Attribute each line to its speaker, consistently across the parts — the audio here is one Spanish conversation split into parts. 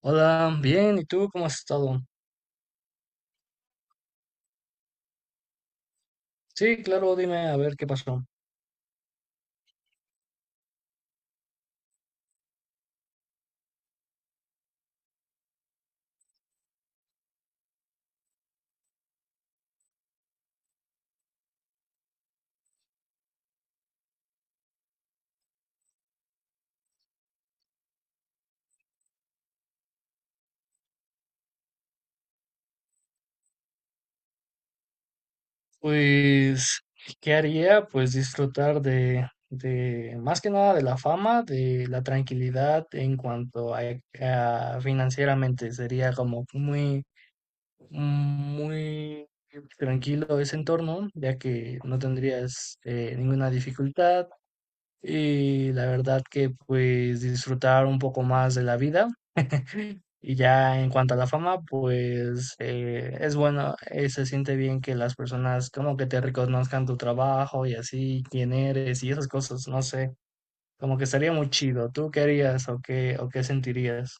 Speaker 1: Hola, bien, ¿y tú cómo has estado? Sí, claro, dime a ver qué pasó. Pues, ¿qué haría? Pues disfrutar de más que nada de la fama, de la tranquilidad en cuanto a financieramente. Sería como muy tranquilo ese entorno, ya que no tendrías ninguna dificultad. Y la verdad que pues disfrutar un poco más de la vida. Y ya en cuanto a la fama, pues es bueno, se siente bien que las personas como que te reconozcan tu trabajo y así, quién eres y esas cosas, no sé, como que estaría muy chido. ¿Tú qué harías o o qué sentirías?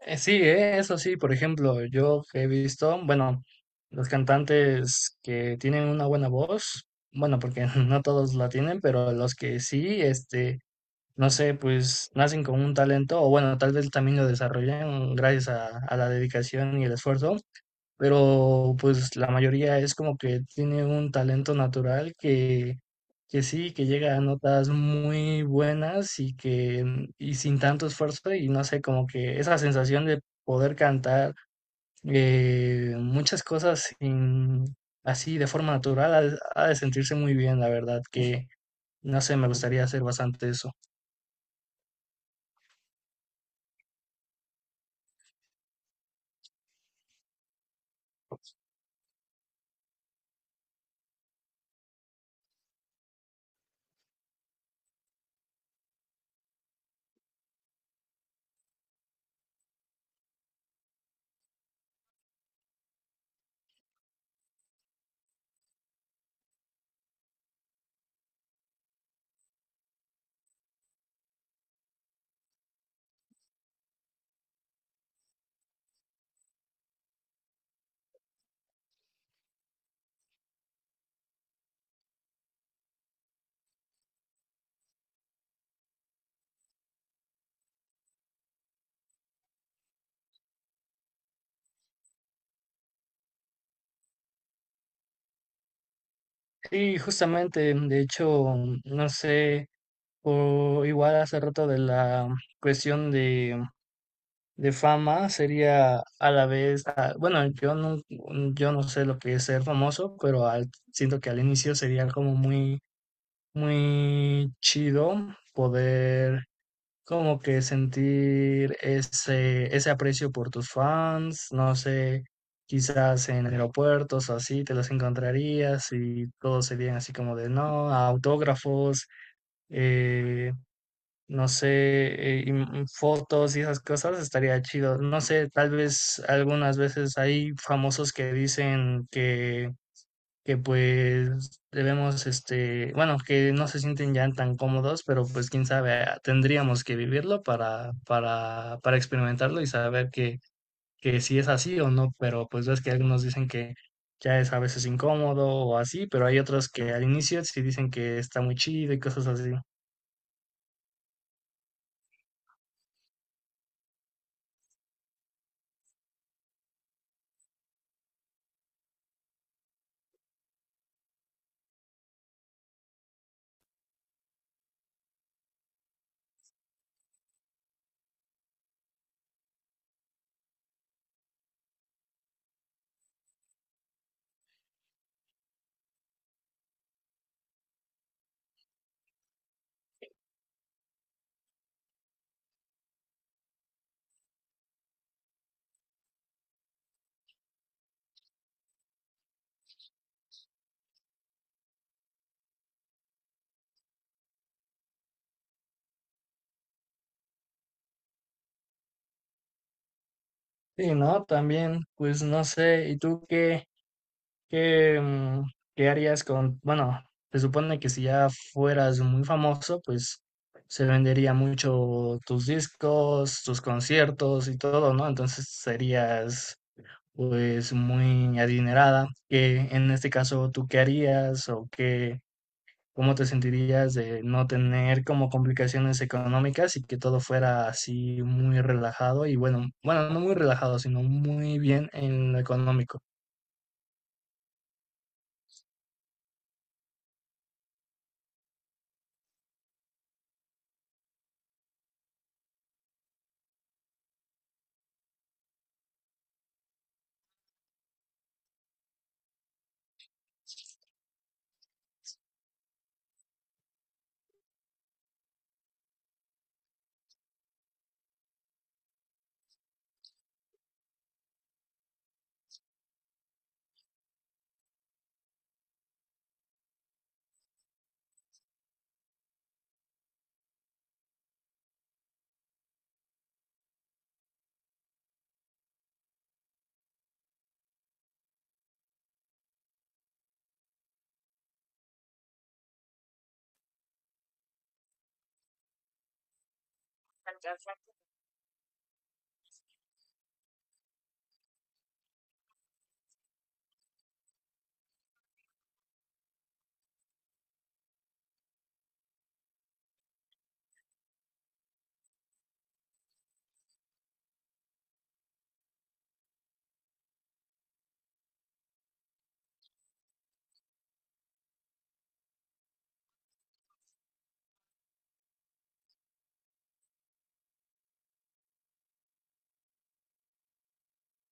Speaker 1: Sí, eso sí, por ejemplo, yo que he visto, bueno, los cantantes que tienen una buena voz, bueno, porque no todos la tienen, pero los que sí, este, no sé, pues nacen con un talento, o bueno, tal vez también lo desarrollan gracias a la dedicación y el esfuerzo, pero pues la mayoría es como que tiene un talento natural que sí, que llega a notas muy buenas y que y sin tanto esfuerzo y no sé, como que esa sensación de poder cantar muchas cosas así de forma natural ha de sentirse muy bien, la verdad, que no sé, me gustaría hacer bastante eso. Sí, justamente, de hecho, no sé, o igual hace rato de la cuestión de fama sería a la vez, ah, bueno, yo no sé lo que es ser famoso, pero siento que al inicio sería como muy chido poder como que sentir ese aprecio por tus fans, no sé, quizás en aeropuertos o así te los encontrarías y todos serían así como de, no, autógrafos, eh, no sé, y fotos y esas cosas, estaría chido. No sé, tal vez algunas veces hay famosos que dicen que pues debemos, este, bueno, que no se sienten ya tan cómodos, pero pues quién sabe, ah, tendríamos que vivirlo para experimentarlo y saber que si es así o no, pero pues ves que algunos dicen que ya es a veces incómodo o así, pero hay otros que al inicio sí dicen que está muy chido y cosas así. Sí, no, también, pues no sé, ¿y tú qué? ¿Qué, qué harías con, bueno, se supone que si ya fueras muy famoso, pues se vendería mucho tus discos, tus conciertos y todo, ¿no? Entonces serías pues muy adinerada. ¿Qué en este caso, tú qué harías o qué, cómo te sentirías de no tener como complicaciones económicas y que todo fuera así muy relajado y bueno, no muy relajado, sino muy bien en lo económico?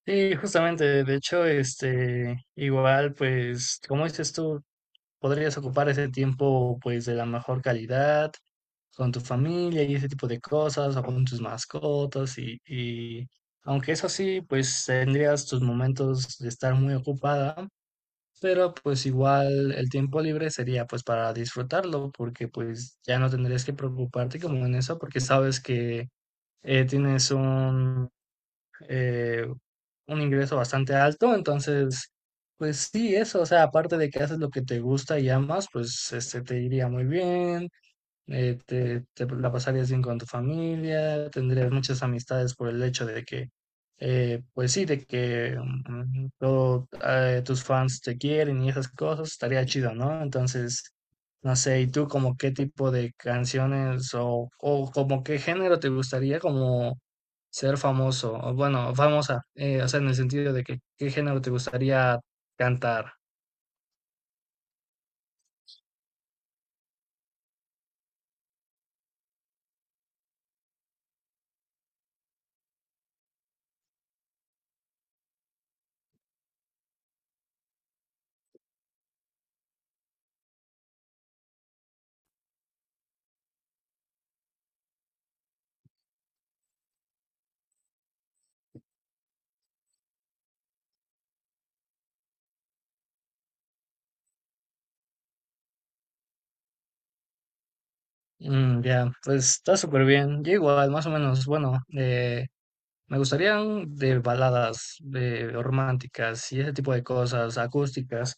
Speaker 1: Sí, justamente, de hecho, este, igual, pues, como dices tú, podrías ocupar ese tiempo, pues, de la mejor calidad con tu familia y ese tipo de cosas, o con tus mascotas, y aunque eso sí, pues, tendrías tus momentos de estar muy ocupada, pero, pues, igual el tiempo libre sería, pues, para disfrutarlo, porque, pues, ya no tendrías que preocuparte como en eso, porque sabes que tienes eh, un ingreso bastante alto, entonces, pues sí, eso, o sea, aparte de que haces lo que te gusta y amas, pues este te iría muy bien. Te la pasarías bien con tu familia, tendrías muchas amistades por el hecho de que, pues sí, de que todo, tus fans te quieren y esas cosas, estaría chido, ¿no? Entonces, no sé, ¿y tú como qué tipo de canciones o como qué género te gustaría como ser famoso? O bueno, famosa, o sea, en el sentido de que qué género te gustaría cantar. Ya, pues está súper bien. Yo igual, más o menos, bueno, me gustarían de baladas de románticas y ese tipo de cosas acústicas,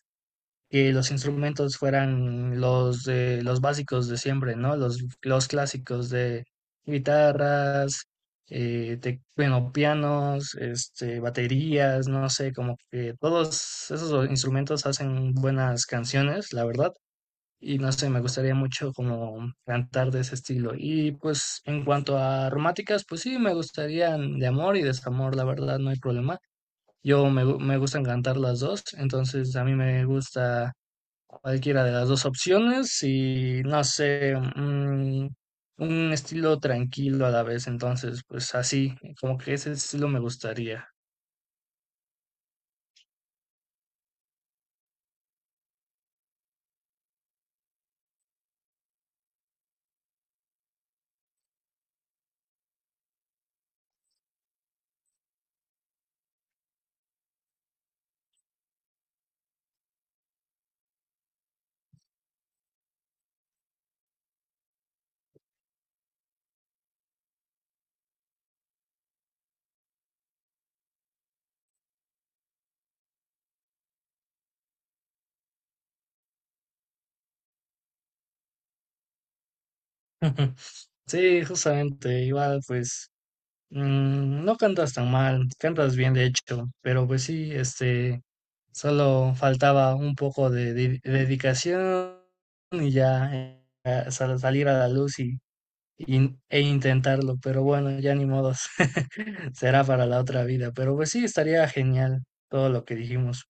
Speaker 1: que los instrumentos fueran los de los básicos de siempre, ¿no? Los clásicos de guitarras, bueno, pianos, este, baterías, no sé, como que todos esos instrumentos hacen buenas canciones, la verdad, y no sé, me gustaría mucho como cantar de ese estilo. Y pues en cuanto a románticas, pues sí, me gustarían de amor y desamor, la verdad, no hay problema. Yo me gustan cantar las dos, entonces a mí me gusta cualquiera de las dos opciones y no sé, un estilo tranquilo a la vez, entonces pues así, como que ese estilo me gustaría. Sí, justamente, igual pues, no cantas tan mal, cantas bien de hecho, pero pues sí, este, solo faltaba un poco de, dedicación y ya a salir a la luz e intentarlo, pero bueno, ya ni modos, será para la otra vida, pero pues sí, estaría genial todo lo que dijimos.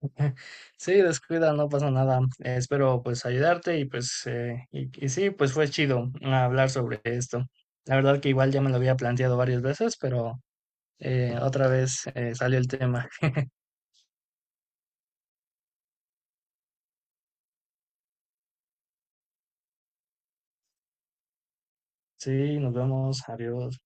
Speaker 1: Sí, descuida, no pasa nada, espero pues ayudarte y pues, y sí, pues fue chido hablar sobre esto. La verdad que igual ya me lo había planteado varias veces, pero otra vez salió el tema. Sí, nos vemos, adiós.